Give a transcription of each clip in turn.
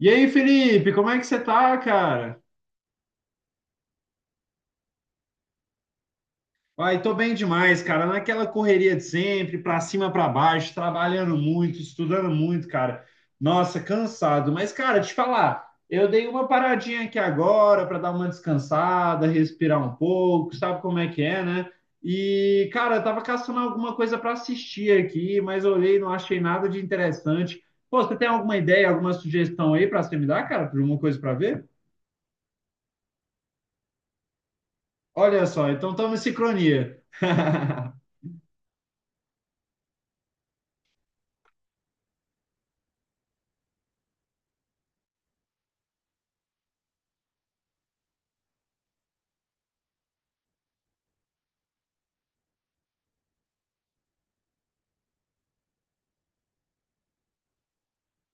E aí, Felipe, como é que você tá, cara? Ai, tô bem demais, cara. Naquela correria de sempre, pra cima, pra baixo, trabalhando muito, estudando muito, cara. Nossa, cansado. Mas, cara, te falar, eu dei uma paradinha aqui agora pra dar uma descansada, respirar um pouco, sabe como é que é, né? E, cara, eu tava caçando alguma coisa pra assistir aqui, mas olhei, não achei nada de interessante. Pô, você tem alguma ideia, alguma sugestão aí pra você me dar, cara, de alguma coisa pra ver? Olha só, então estamos em sincronia.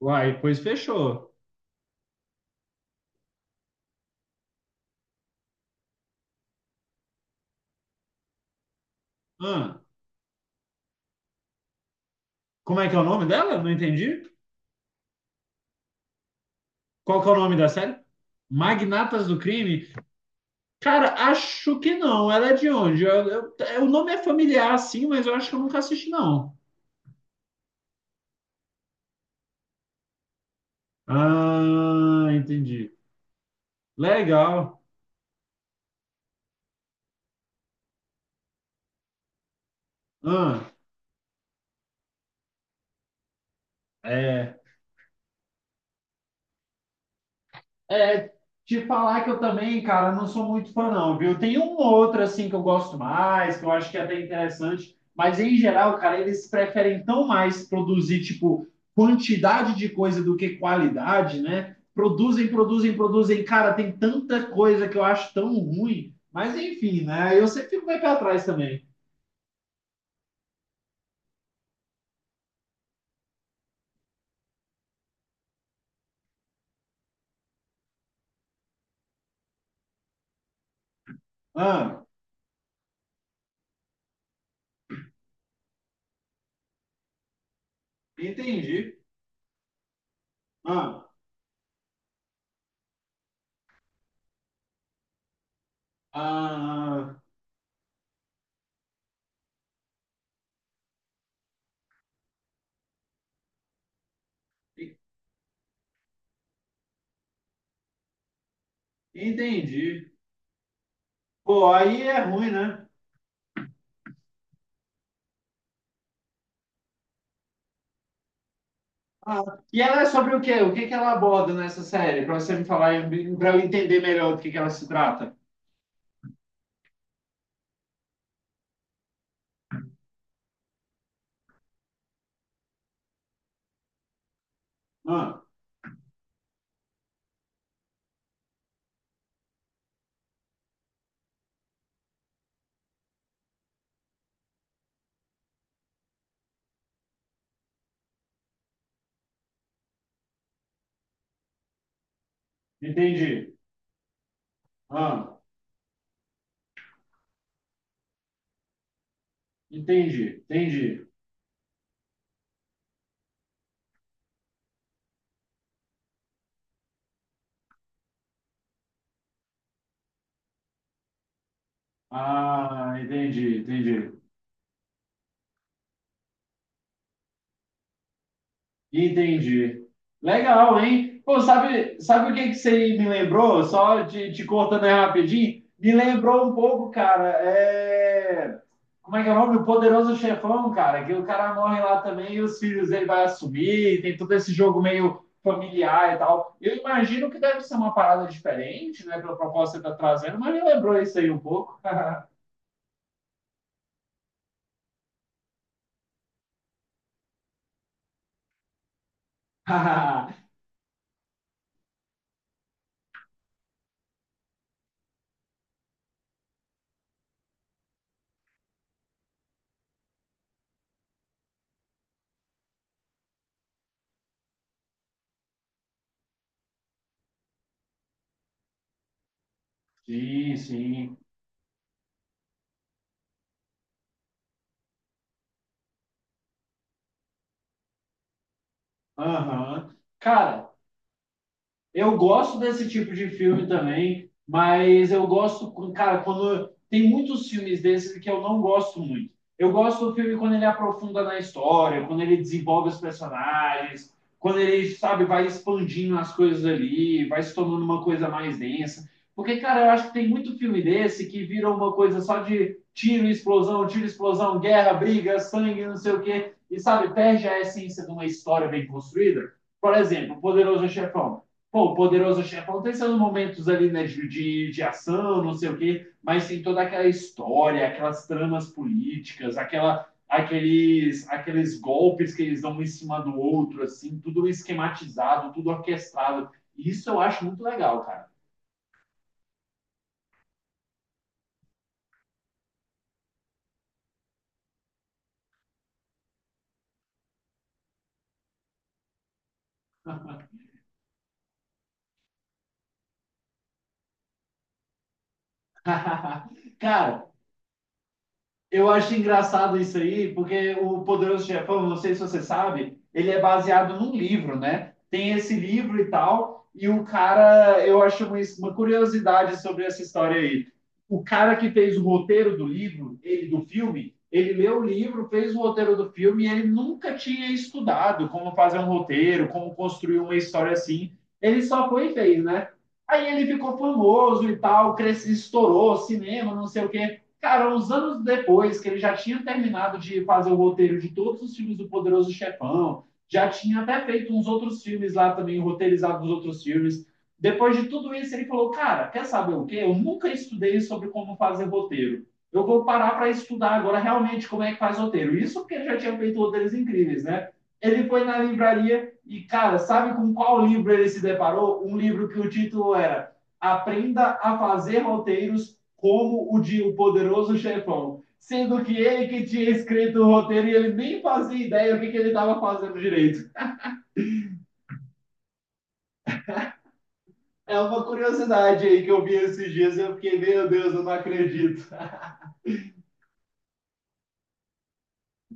Uai, pois fechou. Hã? Como é que é o nome dela? Não entendi. Qual que é o nome da série? Magnatas do Crime? Cara, acho que não. Ela é de onde? É, o nome é familiar, sim, mas eu acho que eu nunca assisti, não. Ah, entendi. Legal. Ah, é. É, te falar que eu também, cara, não sou muito fã, não, viu? Tem um ou outro, assim, que eu gosto mais, que eu acho que é até interessante, mas em geral, cara, eles preferem tão mais produzir, tipo, quantidade de coisa do que qualidade, né? Produzem, produzem, produzem. Cara, tem tanta coisa que eu acho tão ruim, mas enfim, né? Eu sempre fico meio pra trás também. Ah, entendi. Ah, ah, entendi. Pô, aí é ruim, né? Ah, e ela é sobre o quê? O que que ela aborda nessa série? Para você me falar, para eu entender melhor do que ela se trata. Ah, entendi. Ah, entendi, entendi. Ah, entendi, entendi. Entendi. Legal, hein? Pô, sabe, sabe o que que você me lembrou? Só te, te cortando aí rapidinho. Me lembrou um pouco, cara. É... Como é que é o nome? O Poderoso Chefão, cara. Que o cara morre lá também e os filhos dele vai assumir. Tem todo esse jogo meio familiar e tal. Eu imagino que deve ser uma parada diferente, né? Pela proposta que você tá trazendo, mas me lembrou isso aí um pouco. Sim, sim. Aham. Cara, eu gosto desse tipo de filme também, mas eu gosto, cara, quando tem muitos filmes desses que eu não gosto muito. Eu gosto do filme quando ele aprofunda na história, quando ele desenvolve os personagens, quando ele, sabe, vai expandindo as coisas ali, vai se tornando uma coisa mais densa. Porque, cara, eu acho que tem muito filme desse que vira uma coisa só de tiro, explosão, guerra, briga, sangue, não sei o quê, e, sabe, perde a essência de uma história bem construída. Por exemplo, Poderoso Chefão. Pô, o poderoso chefão tem seus momentos ali, né, de ação, não sei o quê, mas tem toda aquela história, aquelas tramas políticas, aquela, aqueles golpes que eles dão um em cima do outro, assim, tudo esquematizado, tudo orquestrado. Isso eu acho muito legal, cara. Cara, eu acho engraçado isso aí, porque o Poderoso Chefão, não sei se você sabe, ele é baseado num livro, né? Tem esse livro e tal, e o cara, eu acho uma curiosidade sobre essa história aí. O cara que fez o roteiro do livro, ele do filme, ele leu o livro, fez o roteiro do filme e ele nunca tinha estudado como fazer um roteiro, como construir uma história assim. Ele só foi e fez, né? Aí ele ficou famoso e tal, cresceu, estourou, cinema, não sei o quê. Cara, uns anos depois que ele já tinha terminado de fazer o roteiro de todos os filmes do Poderoso Chefão, já tinha até feito uns outros filmes lá também, roteirizado os outros filmes. Depois de tudo isso, ele falou: cara, quer saber o quê? Eu nunca estudei sobre como fazer roteiro. Eu vou parar para estudar agora realmente como é que faz roteiro. Isso porque ele já tinha feito roteiros incríveis, né? Ele foi na livraria e, cara, sabe com qual livro ele se deparou? Um livro que o título era Aprenda a Fazer Roteiros como o de O Poderoso Chefão, sendo que ele que tinha escrito o roteiro e ele nem fazia ideia do que ele estava fazendo direito. É uma curiosidade aí que eu vi esses dias e eu fiquei, meu Deus, eu não acredito.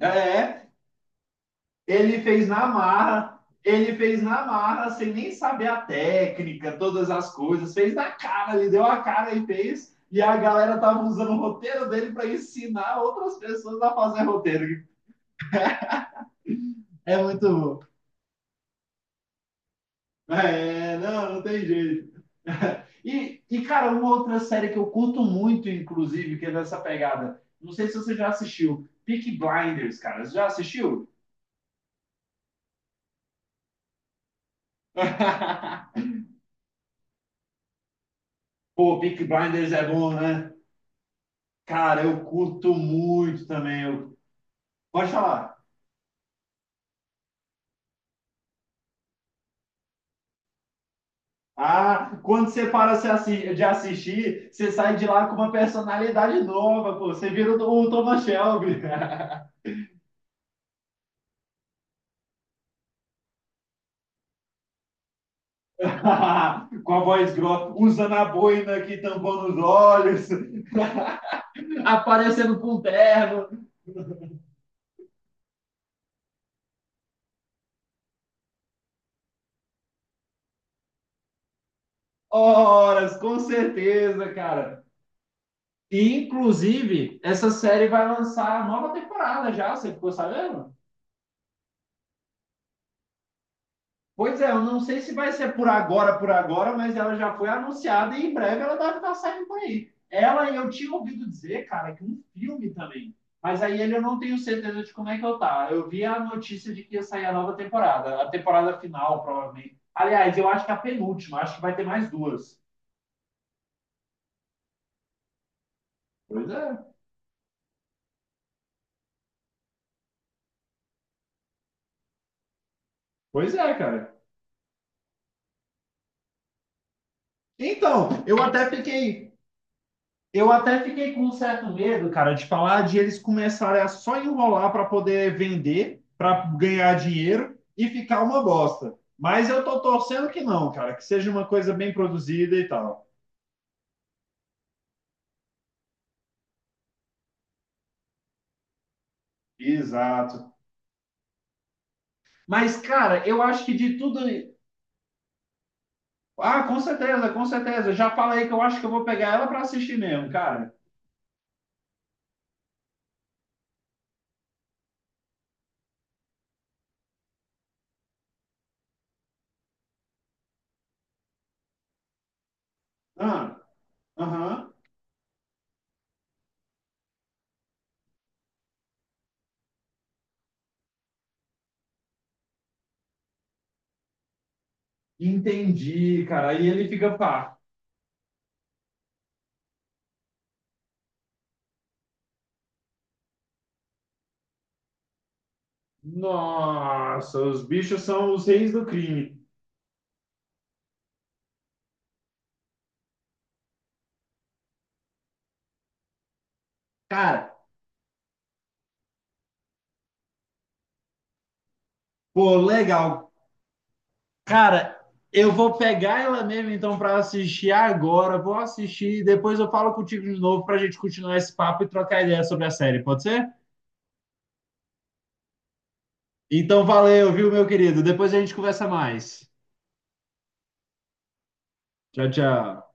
É, ele fez na marra, ele fez na marra sem nem saber a técnica, todas as coisas, fez na cara, ele deu a cara e fez. E a galera tava usando o roteiro dele para ensinar outras pessoas a fazer roteiro. É muito bom. É, não, não tem jeito. Cara, uma outra série que eu curto muito, inclusive, que é dessa pegada. Não sei se você já assistiu. Peaky Blinders, cara. Você já assistiu? Pô, Peaky Blinders é bom, né? Cara, eu curto muito também. Eu... Pode falar. Ah, quando você para se assi- de assistir, você sai de lá com uma personalidade nova, pô. Você vira o Thomas Shelby. Com a voz grossa, usando a boina aqui, tampando os olhos. Aparecendo com terno. Horas, com certeza, cara. E, inclusive, essa série vai lançar a nova temporada já, você ficou sabendo? Pois é, eu não sei se vai ser por agora, mas ela já foi anunciada e em breve ela deve estar saindo por aí. Ela, eu tinha ouvido dizer, cara, que um filme também. Mas aí ele eu não tenho certeza de como é que eu tá. Eu vi a notícia de que ia sair a nova temporada, a temporada final, provavelmente. Aliás, eu acho que a penúltima, acho que vai ter mais duas. Pois é, Pois é, cara. Então, eu até fiquei com um certo medo, cara, de falar de eles começarem a só enrolar para poder vender, para ganhar dinheiro e ficar uma bosta. Mas eu tô torcendo que não, cara, que seja uma coisa bem produzida e tal. Exato. Mas, cara, eu acho que de tudo. Ah, com certeza. Já falei que eu acho que eu vou pegar ela para assistir mesmo, cara. Ah, aham. Entendi, cara. Aí ele fica pá. Nossa, os bichos são os reis do crime. Cara, pô, legal. Cara, eu vou pegar ela mesmo então pra assistir agora. Vou assistir e depois eu falo contigo de novo pra gente continuar esse papo e trocar ideia sobre a série, pode ser? Então valeu, viu, meu querido? Depois a gente conversa mais. Tchau, tchau.